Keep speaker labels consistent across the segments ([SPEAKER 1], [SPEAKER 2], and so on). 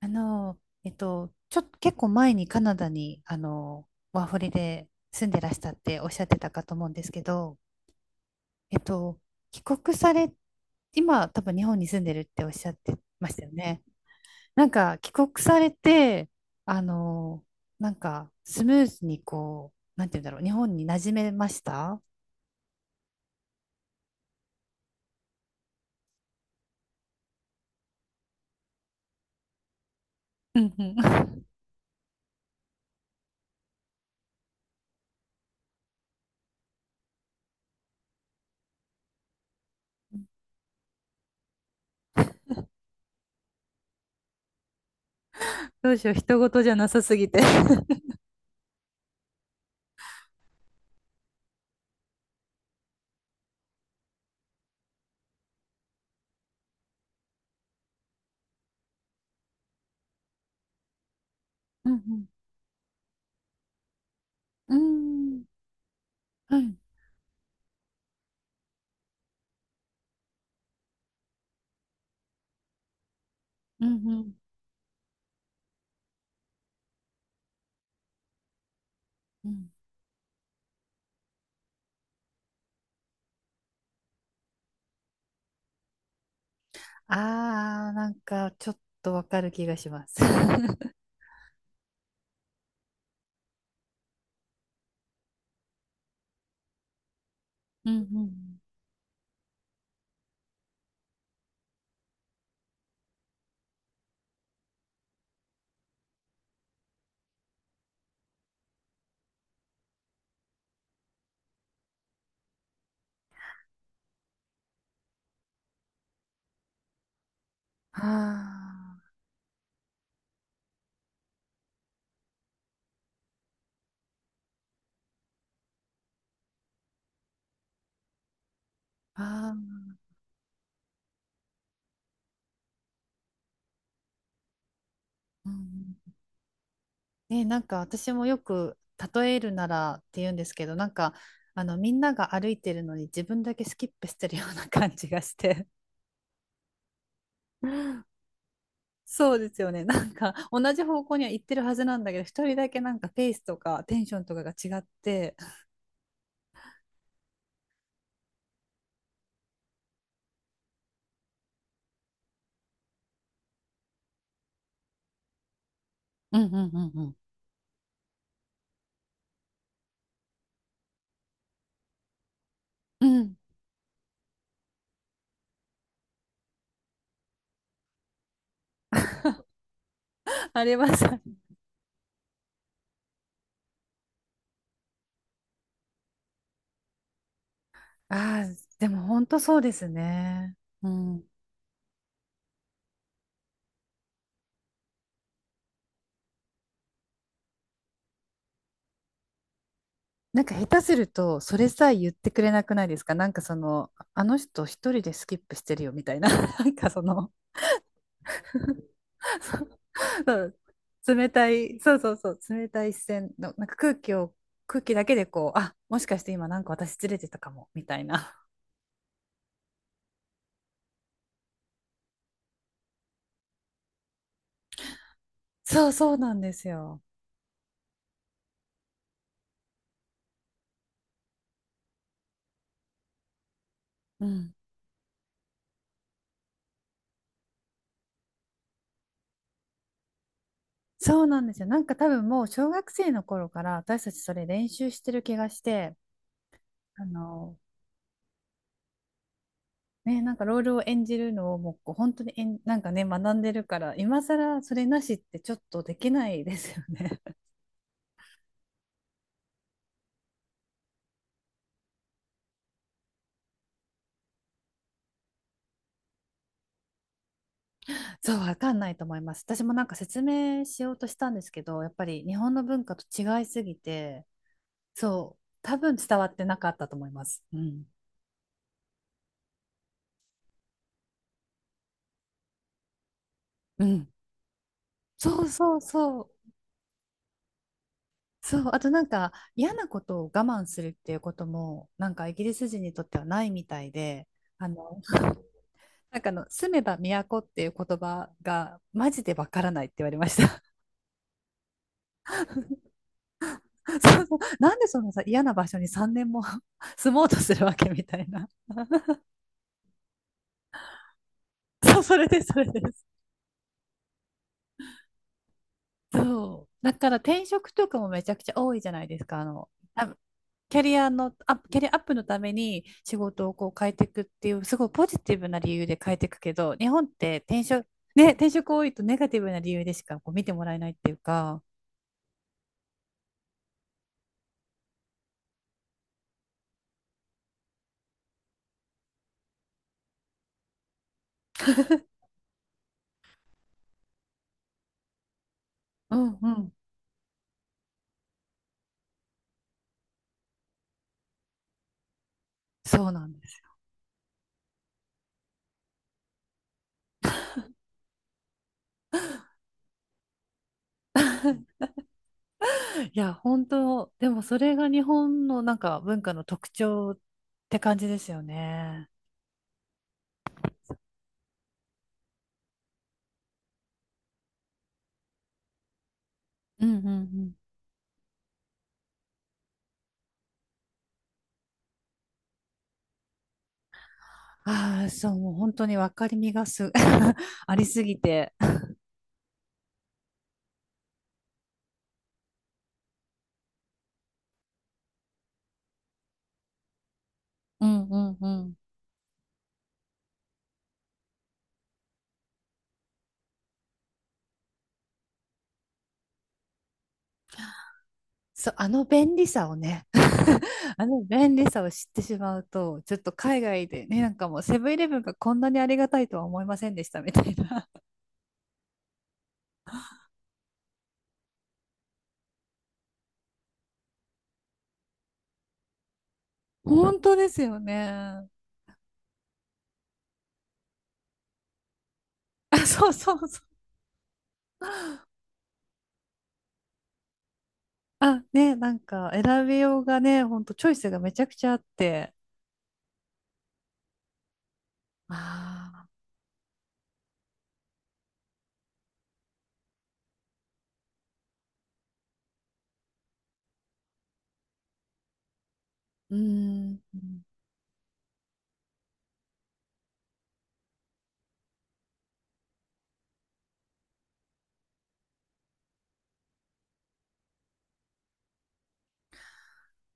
[SPEAKER 1] あの、ちょっと結構前にカナダに、ワーホリで住んでらしたっておっしゃってたかと思うんですけど、えっと、帰国され、今多分日本に住んでるっておっしゃってましたよね。なんか帰国されて、あの、なんかスムーズにこう、なんて言うんだろう、日本に馴染めました。うんうん。どうしよう、人事じゃなさすぎて。うんうん。うーん。はい。うんうん。うん。ああ、なんかちょっとわかる気がします。うんうん。ああ、ああ、うん。うん。ね、なんか私もよく例えるならって言うんですけど、なんかみんなが歩いてるのに自分だけスキップしてるような感じがして。そうですよね。なんか同じ方向には行ってるはずなんだけど、一人だけなんかペースとかテンションとかが違って、うんうんうんうん。うん。あります。ああ、でも本当そうですね。うん。なんか下手すると、それさえ言ってくれなくないですか。なんかその、あの人一人でスキップしてるよみたいな、なんかその。 そう冷たい、そうそうそう、冷たい視線の、なんか空気を、空気だけでこう、あ、もしかして今なんか私ずれてたかも、みたいな。そうそうなんですよ。うん。そうなんですよ。なんか多分もう小学生の頃から私たちそれ練習してる気がして、あの、ね、なんかロールを演じるのをもうこう本当になんかね、学んでるから、今更それなしってちょっとできないですよね。そう、わかんないと思います。私もなんか説明しようとしたんですけど、やっぱり日本の文化と違いすぎて、そう、多分伝わってなかったと思います。うん。うん。そうそうそう。そう、あとなんか嫌なことを我慢するっていうことも、なんかイギリス人にとってはないみたいで、あの なんか住めば都っていう言葉がマジでわからないって言われました。そうそう。なんでそのさ、嫌な場所に3年も 住もうとするわけみたいな。そう、それです、それです。そう。だから転職とかもめちゃくちゃ多いじゃないですか。あキャリアの、アップキャリアアップのために仕事をこう変えていくっていう、すごいポジティブな理由で変えていくけど、日本って転職、ね、転職多いとネガティブな理由でしかこう見てもらえないっていうか、うんうん、そうなんです。いや、本当、でもそれが日本のなんか文化の特徴って感じですよね。うんうんうん。ああ、そう、もう本当に分かりみがす、ありすぎて。うんうんうんうん。そう、あの便利さをね、あの便利さを知ってしまうと、ちょっと海外でね、なんかもうセブンイレブンがこんなにありがたいとは思いませんでしたみたいな。本当ですよね。あ、そうそうそう。あ、ね、なんか選びようがね、ほんとチョイスがめちゃくちゃあって、ああ、うーん。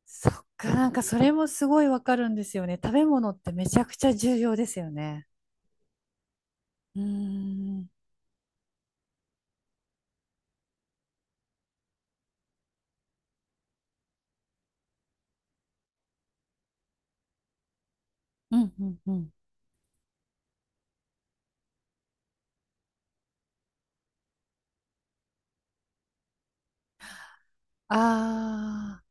[SPEAKER 1] そっか、なんかそれもすごいわかるんですよね。食べ物ってめちゃくちゃ重要ですよね。うーん。うんうんうん。あ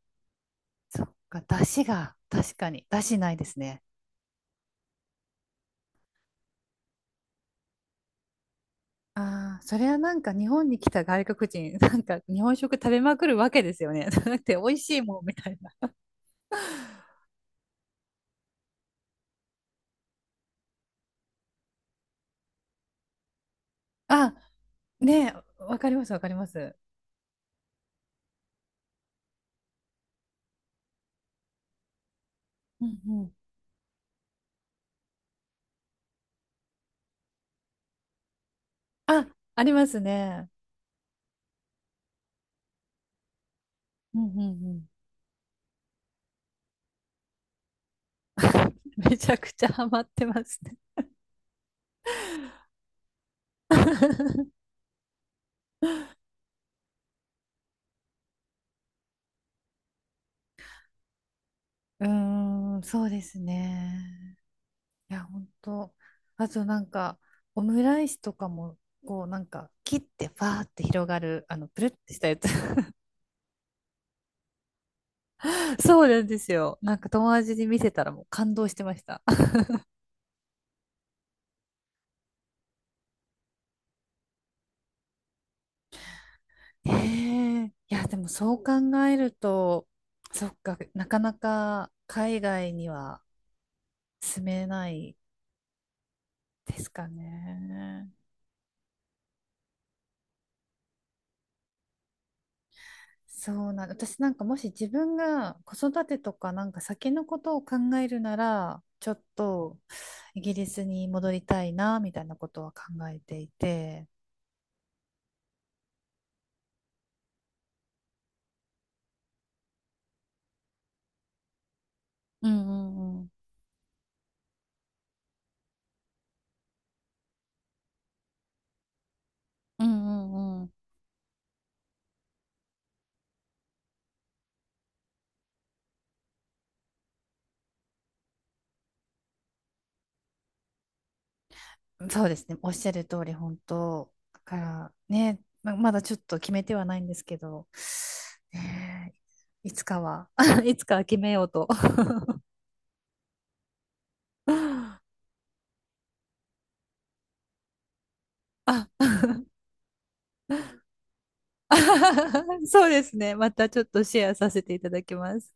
[SPEAKER 1] あ、そっか、出汁が、確かに、出汁ないですね。ああ、それはなんか日本に来た外国人、なんか日本食食べまくるわけですよね。だって美味しいもんみたいな。あ、ねえ、わかりますわかります。うんうん。あ、ありますね。うんうんうん。めちゃくちゃハマってますね。うーん、そうですね。いや、本当。あとなんか、オムライスとかも、こうなんか、切ってファーって広がる、あの、プルってしたやつ。 そうなんですよ。なんか友達に見せたらもう感動してました。へえ、いや、でもそう考えると、そっか、なかなか海外には住めないですかね。そうなん、私なんかもし自分が子育てとかなんか先のことを考えるならちょっとイギリスに戻りたいなみたいなことは考えていて。うんうんうん。うんうんうん。そうですね、おっしゃる通り。本当だからね、まだちょっと決めてはないんですけど、ねえ、いつかは いつかは決めようと。 あ。 そうですねまたちょっとシェアさせていただきます。